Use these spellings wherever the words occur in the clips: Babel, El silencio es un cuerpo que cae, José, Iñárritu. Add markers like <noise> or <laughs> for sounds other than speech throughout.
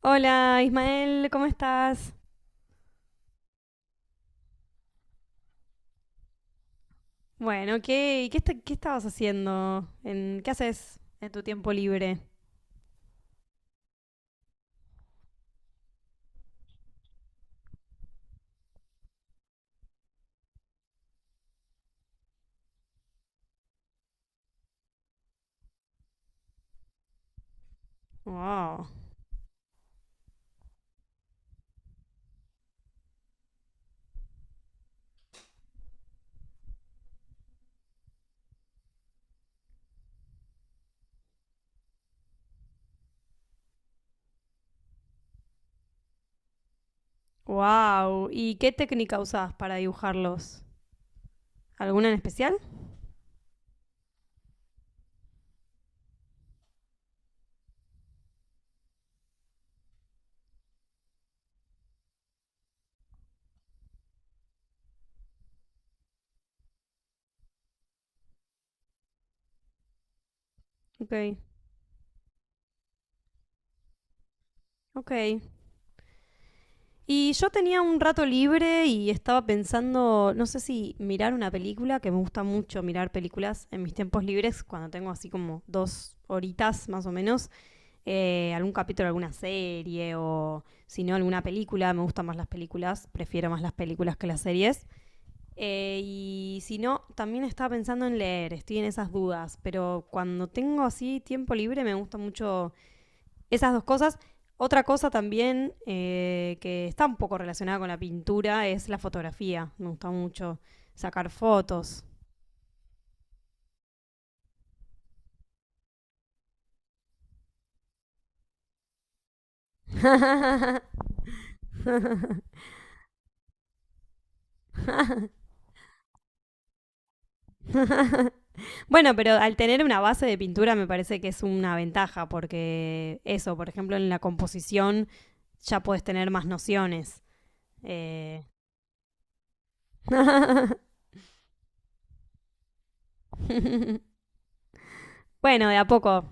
Hola Ismael, ¿cómo estás? Bueno, ¿qué estabas haciendo? ¿Qué haces en tu tiempo libre? Wow. Wow. ¿Y qué técnica usás para dibujarlos? ¿Alguna en especial? Ok, ok. Y yo tenía un rato libre y estaba pensando, no sé si mirar una película, que me gusta mucho mirar películas en mis tiempos libres, cuando tengo así como dos horitas más o menos. Algún capítulo de alguna serie o si no alguna película, me gustan más las películas, prefiero más las películas que las series. Y si no, también estaba pensando en leer, estoy en esas dudas, pero cuando tengo así tiempo libre me gustan mucho esas dos cosas. Otra cosa también, que está un poco relacionada con la pintura es la fotografía, me gusta mucho sacar fotos. <laughs> Bueno, pero al tener una base de pintura me parece que es una ventaja, porque eso, por ejemplo, en la composición ya puedes tener más nociones. Eh, <laughs> bueno, de a poco.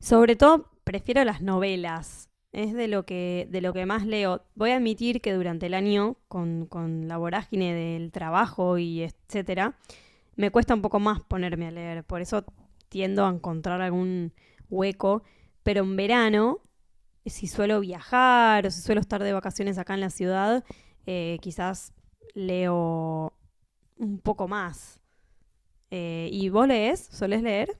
Sobre todo prefiero las novelas. Es de de lo que más leo. Voy a admitir que durante el año, con la vorágine del trabajo y etcétera, me cuesta un poco más ponerme a leer. Por eso tiendo a encontrar algún hueco. Pero en verano, si suelo viajar o si suelo estar de vacaciones acá en la ciudad, quizás leo un poco más. ¿Y vos lees? ¿Solés leer?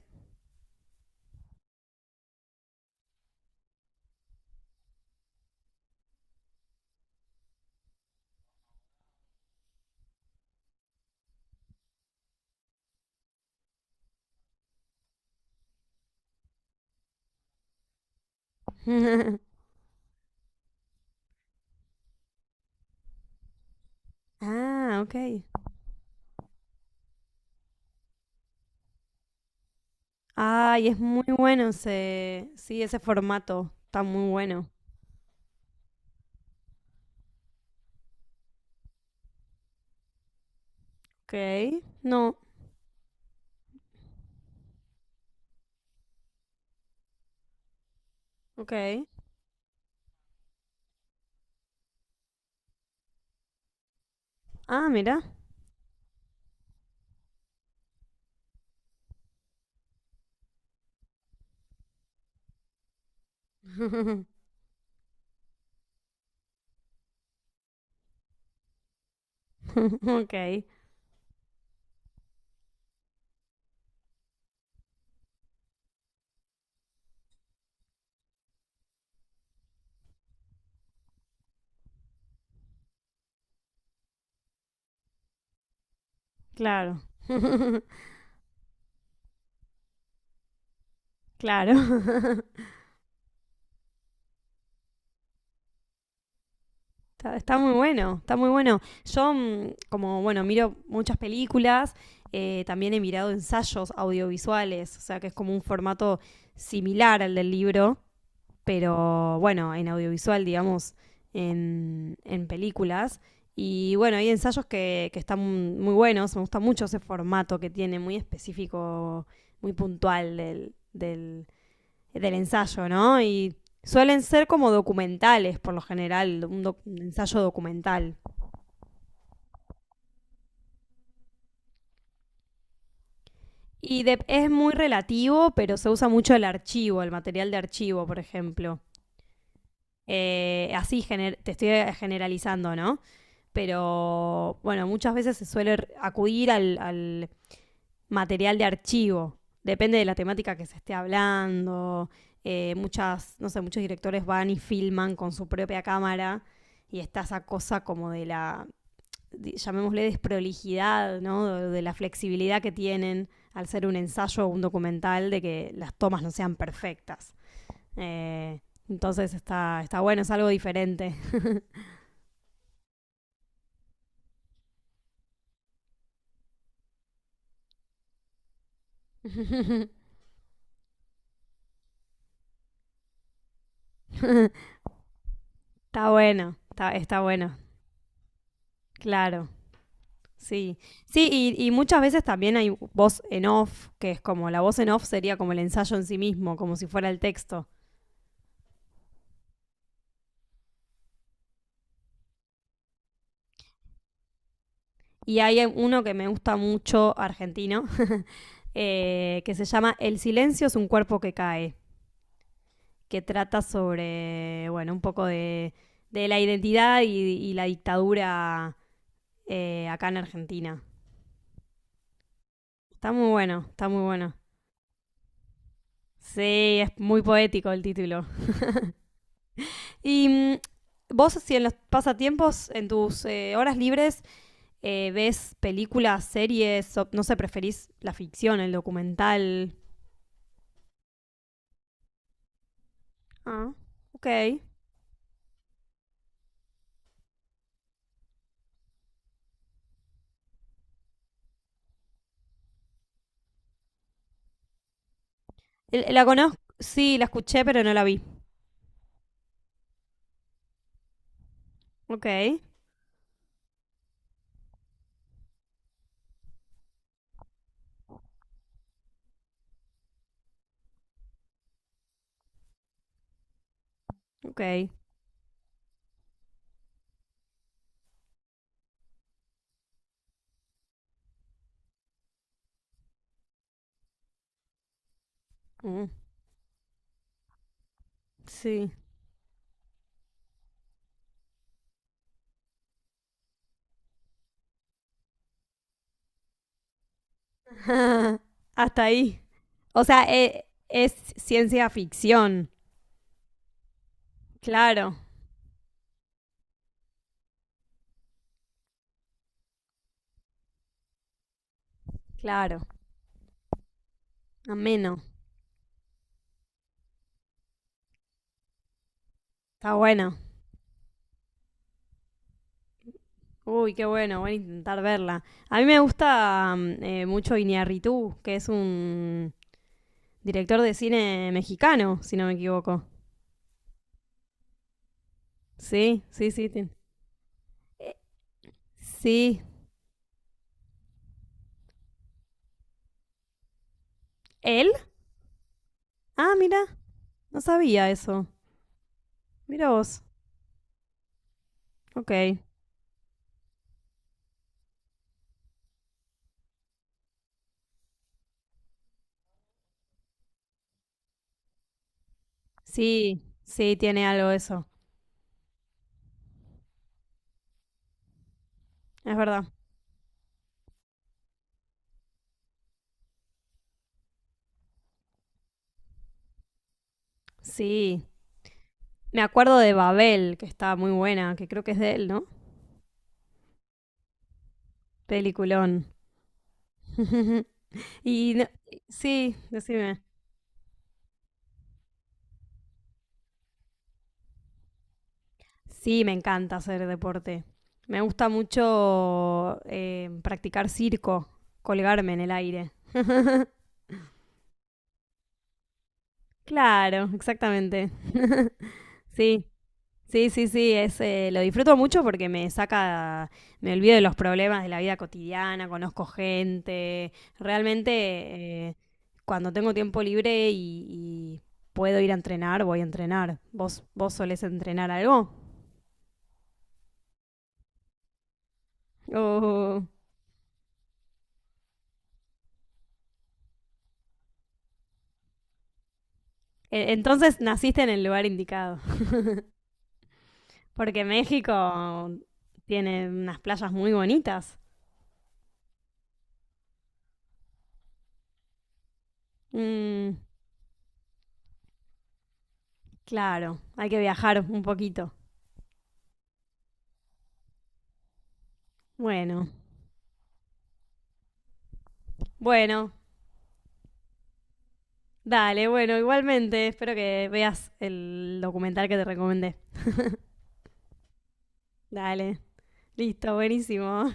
<laughs> Ah, ok. Ay, es muy bueno ese. Sí, ese formato. Está muy bueno. Ok. No. Ok. Ah, mira. <laughs> ok. Claro, claro. <laughs> Está, está muy bueno, está muy bueno. Como bueno, miro muchas películas, también he mirado ensayos audiovisuales, o sea que es como un formato similar al del libro, pero bueno, en audiovisual, digamos, en películas. Y bueno, hay ensayos que están muy buenos, me gusta mucho ese formato que tiene, muy específico, muy puntual del ensayo, ¿no? Y suelen ser como documentales, por lo general, un ensayo documental. Es muy relativo, pero se usa mucho el archivo, el material de archivo, por ejemplo. Te estoy generalizando, ¿no? Pero bueno, muchas veces se suele acudir al material de archivo. Depende de la temática que se esté hablando. Muchas, no sé, muchos directores van y filman con su propia cámara y está esa cosa como de la, llamémosle, desprolijidad, ¿no? De la flexibilidad que tienen al ser un ensayo o un documental de que las tomas no sean perfectas. Eh, entonces está, está bueno, es algo diferente. <laughs> Está bueno, está bueno, claro. Sí, sí, muchas veces también hay voz en off, que es como la voz en off sería como el ensayo en sí mismo, como si fuera el texto. Y hay uno que me gusta mucho, argentino, que se llama El silencio es un cuerpo que cae. Que trata sobre, bueno, un poco de la identidad y la dictadura, acá en Argentina. Está muy bueno, está muy bueno. Sí, es muy poético el título. Vos, si en los pasatiempos, en tus horas libres, ves películas, series, no sé, preferís la ficción, el documental. Ah, ok. ¿La conozco? Sí, la escuché, pero no la vi. Ok, ok. Mm, sí. <laughs> Ajá, hasta ahí. O sea, es ciencia ficción. Claro, claro. Ameno. Está bueno. Uy, qué bueno. Voy a intentar verla. A mí me gusta mucho Iñárritu, que es un director de cine mexicano, si no me equivoco. Sí, sí, sí. Eh, sí. ¿Él? Ah, mira. No sabía eso. Mira vos. Ok. Sí, sí, tiene algo eso. Es verdad. Sí, me acuerdo de Babel, que está muy buena, que creo que es de él, ¿no? Peliculón. <laughs> y no- sí, decime. Sí, me encanta hacer deporte. Me gusta mucho practicar circo, colgarme en el aire. <laughs> Claro, exactamente. Sí, Sí, sí, sí, es, lo disfruto mucho porque me saca, me olvido de los problemas de la vida cotidiana, conozco gente, realmente, cuando tengo tiempo libre y puedo ir a entrenar, voy a entrenar. Vos solés entrenar algo? O- Entonces naciste en el lugar indicado, porque México tiene unas playas muy bonitas. Mm, claro, hay que viajar un poquito. Bueno, bueno, Dale, bueno, igualmente, espero que veas el documental que te recomendé. Dale, listo, buenísimo.